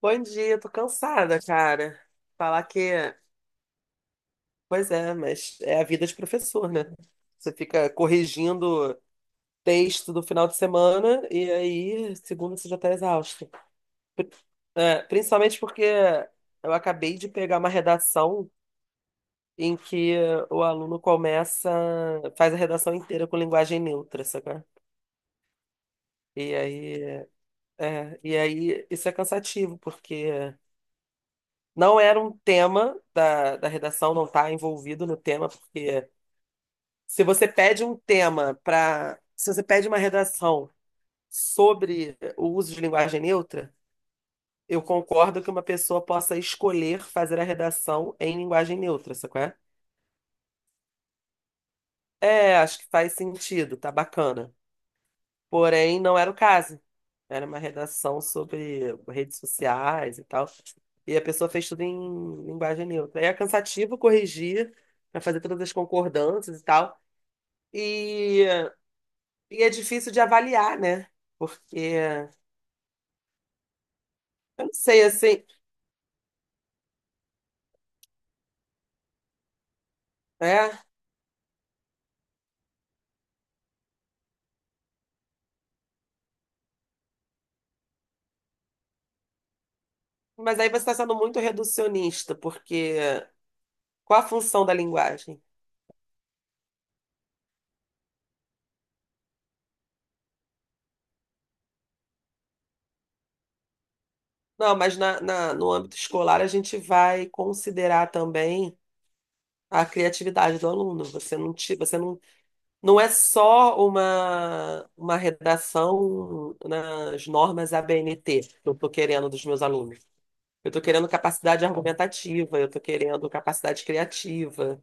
Bom dia, tô cansada, cara. Falar que, Pois é, mas é a vida de professor, né? Você fica corrigindo texto do final de semana e aí, segunda, você já tá exausto. Pri- Principalmente porque eu acabei de pegar uma redação em que o aluno começa, faz a redação inteira com linguagem neutra, sabe? E aí, e aí isso é cansativo, porque não era um tema da redação, não está envolvido no tema, porque se você pede um tema para. se você pede uma redação sobre o uso de linguagem neutra, eu concordo que uma pessoa possa escolher fazer a redação em linguagem neutra, sacou? Acho que faz sentido, tá bacana. Porém, não era o caso. Era uma redação sobre redes sociais e tal. E a pessoa fez tudo em linguagem neutra. Aí é cansativo corrigir, para fazer todas as concordâncias e tal. E, e é difícil de avaliar, né? Porque eu não sei, assim, é. Mas aí você está sendo muito reducionista, porque qual a função da linguagem? Não, mas no âmbito escolar a gente vai considerar também a criatividade do aluno. Você não, ti- você não Não é só uma redação nas normas ABNT que eu estou querendo dos meus alunos. Eu estou querendo capacidade argumentativa, eu estou querendo capacidade criativa,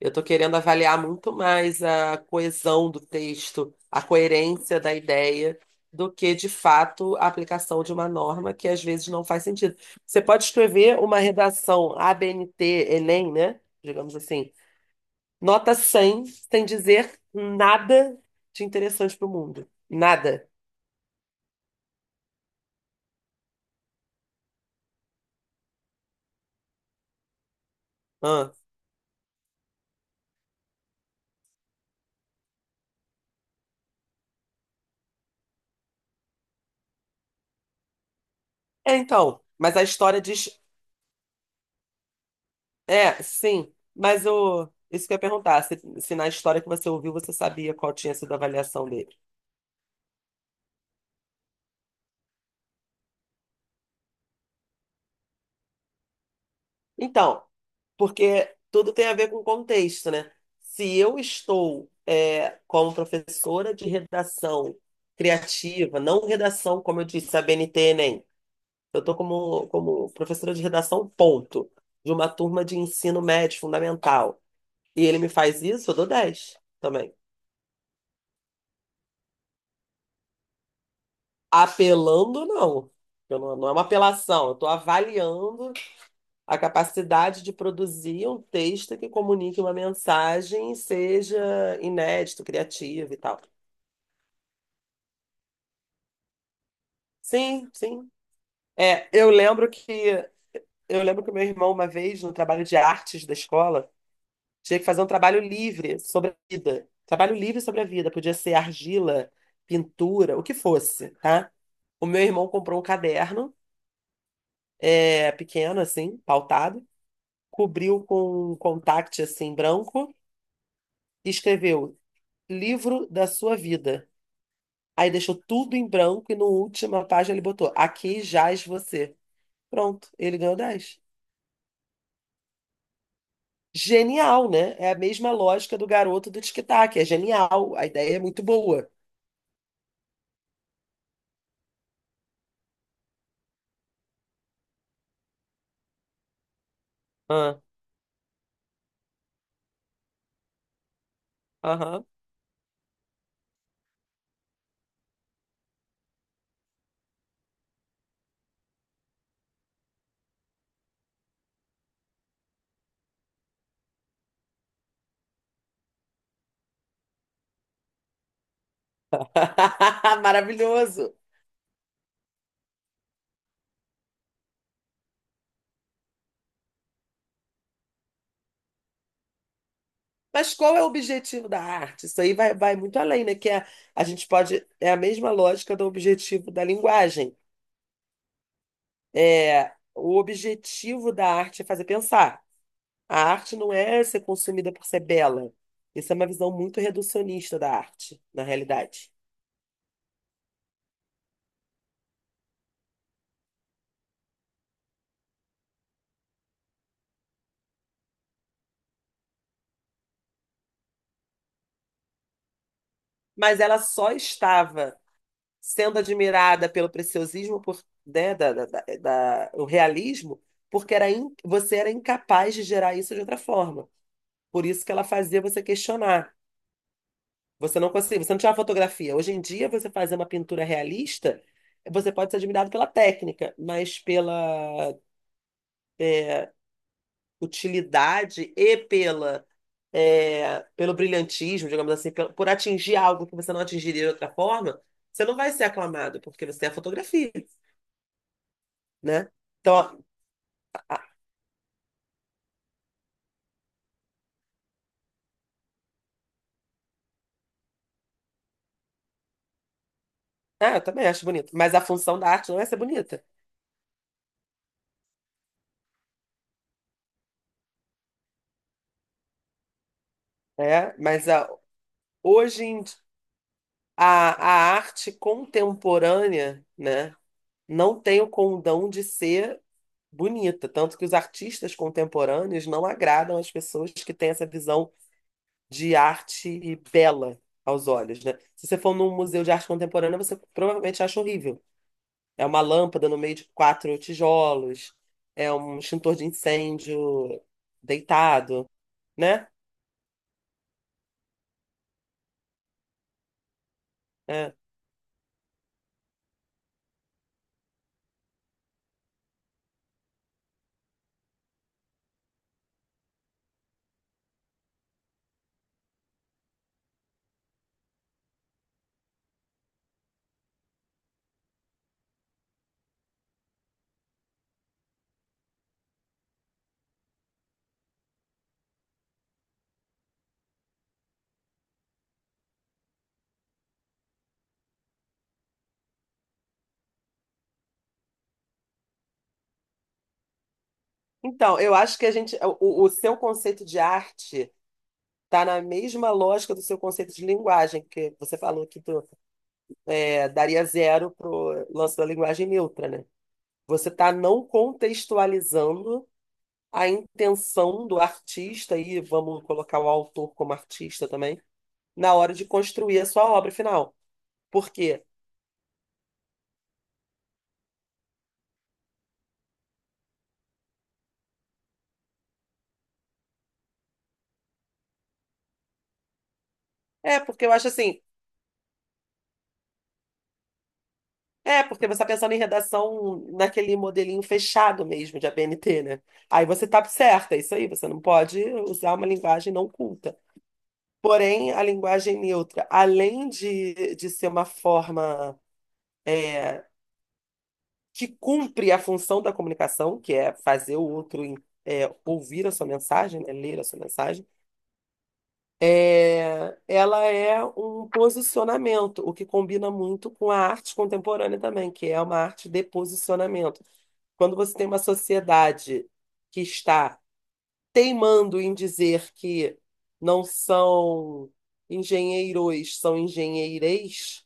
eu estou querendo avaliar muito mais a coesão do texto, a coerência da ideia, do que, de fato, a aplicação de uma norma que às vezes não faz sentido. Você pode escrever uma redação ABNT, Enem, né? Digamos assim. Nota 100 sem dizer nada de interessante pro mundo. Nada. Hã? É, então, mas a história diz. É, sim, mas isso que eu ia perguntar, se na história que você ouviu você sabia qual tinha sido a avaliação dele. Então, porque tudo tem a ver com contexto, né? Se eu estou, como professora de redação criativa, não redação, como eu disse, a BNT, Enem, eu estou como professora de redação, ponto, de uma turma de ensino médio fundamental. E ele me faz isso, eu dou 10 também. Apelando, não. Eu não, não é uma apelação, eu estou avaliando a capacidade de produzir um texto que comunique uma mensagem, seja inédito, criativo e tal. Sim, sim. É, eu lembro que meu irmão, uma vez, no trabalho de artes da escola, tinha que fazer um trabalho livre sobre a vida. Trabalho livre sobre a vida. Podia ser argila, pintura, o que fosse, tá? O meu irmão comprou um caderno, pequeno, assim, pautado, cobriu com um contact, assim, branco, e escreveu livro da sua vida. Aí deixou tudo em branco e na última página ele botou aqui jaz você. Pronto, ele ganhou 10. Genial, né? É a mesma lógica do garoto do tic-tac. É genial, a ideia é muito boa. Ah, aham. Maravilhoso. Mas qual é o objetivo da arte? Isso aí vai muito além, né? Que é, a gente pode. É a mesma lógica do objetivo da linguagem. É, o objetivo da arte é fazer pensar. A arte não é ser consumida por ser bela. Isso é uma visão muito reducionista da arte, na realidade. Mas ela só estava sendo admirada pelo preciosismo, por, né, da o realismo, porque você era incapaz de gerar isso de outra forma. Por isso que ela fazia você questionar. Você não conseguia, você não tinha uma fotografia. Hoje em dia, você fazer uma pintura realista, você pode ser admirado pela técnica, mas pela utilidade e pelo brilhantismo, digamos assim, por atingir algo que você não atingiria de outra forma, você não vai ser aclamado, porque você é a fotografia, né? Então, ó, eu também acho bonito, mas a função da arte não é ser bonita, né? Mas a, hoje em di- a, a arte contemporânea, né? Não tem o condão de ser bonita. Tanto que os artistas contemporâneos não agradam as pessoas que têm essa visão de arte bela aos olhos, né? Se você for num museu de arte contemporânea, você provavelmente acha horrível. É uma lâmpada no meio de quatro tijolos, é um extintor de incêndio deitado, né? É. Então, eu acho que o seu conceito de arte está na mesma lógica do seu conceito de linguagem, que você falou aqui, daria 0 pro lance da linguagem neutra, né? Você está não contextualizando a intenção do artista, e vamos colocar o autor como artista também, na hora de construir a sua obra final. Por quê? É, porque eu acho assim, porque você está pensando em redação naquele modelinho fechado mesmo de ABNT, né? Aí você tá certa, é isso aí, você não pode usar uma linguagem não culta. Porém, a linguagem neutra, além de ser uma forma que cumpre a função da comunicação, que é fazer o outro ouvir a sua mensagem, né, ler a sua mensagem, ela é um posicionamento, o que combina muito com a arte contemporânea também, que é uma arte de posicionamento. Quando você tem uma sociedade que está teimando em dizer que não são engenheiros, são engenheireis,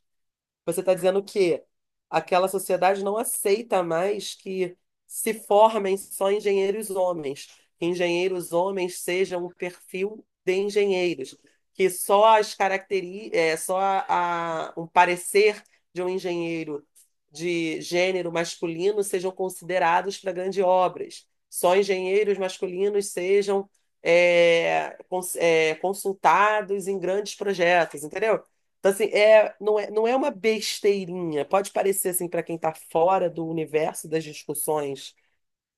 você está dizendo que aquela sociedade não aceita mais que se formem só engenheiros homens, que engenheiros homens sejam o perfil de engenheiros, que só as caracteri é, só a- um parecer de um engenheiro de gênero masculino sejam considerados para grandes obras, só engenheiros masculinos sejam consultados em grandes projetos, entendeu? Então, assim, não é uma besteirinha. Pode parecer, assim, para quem está fora do universo das discussões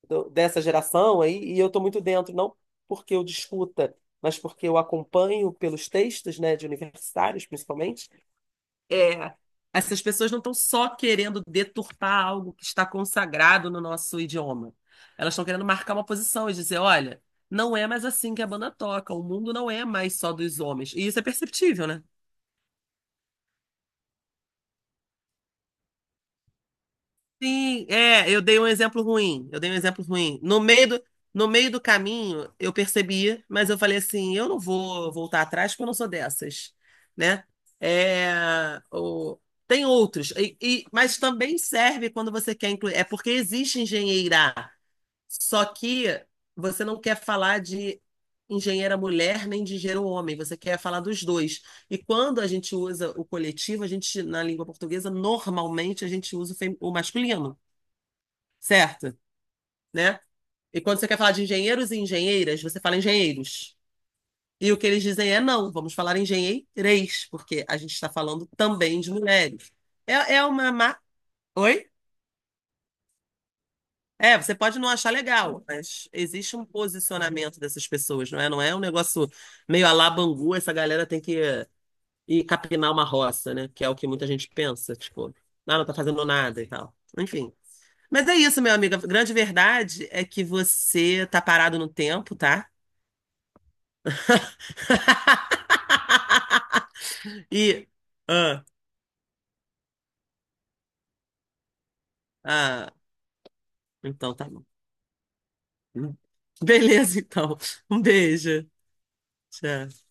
dessa geração aí, e eu estou muito dentro, não porque eu discuta, mas porque eu acompanho pelos textos, né, de universitários, principalmente. É, essas pessoas não estão só querendo deturpar algo que está consagrado no nosso idioma. Elas estão querendo marcar uma posição e dizer, olha, não é mais assim que a banda toca, o mundo não é mais só dos homens. E isso é perceptível, né. Sim, eu dei um exemplo ruim. Eu dei um exemplo ruim. No meio do caminho, eu percebi, mas eu falei assim, eu não vou voltar atrás porque eu não sou dessas, né? É, tem outros, mas também serve quando você quer incluir. É porque existe engenheira, só que você não quer falar de engenheira mulher nem de engenheiro homem, você quer falar dos dois. E quando a gente usa o coletivo, a gente, na língua portuguesa, normalmente a gente usa o masculino, certo? Né? E quando você quer falar de engenheiros e engenheiras, você fala engenheiros. E o que eles dizem é não, vamos falar engenheireis, porque a gente está falando também de mulheres. É, é uma. ma- Oi? É, você pode não achar legal, mas existe um posicionamento dessas pessoas, não é? Não é um negócio meio à la Bangu, essa galera tem que ir capinar uma roça, né? Que é o que muita gente pensa, tipo, ah, não tá fazendo nada e tal. Enfim. Mas é isso, meu amigo. A grande verdade é que você tá parado no tempo, tá? E. Ah, ah, então tá bom. Beleza, então. Um beijo. Tchau.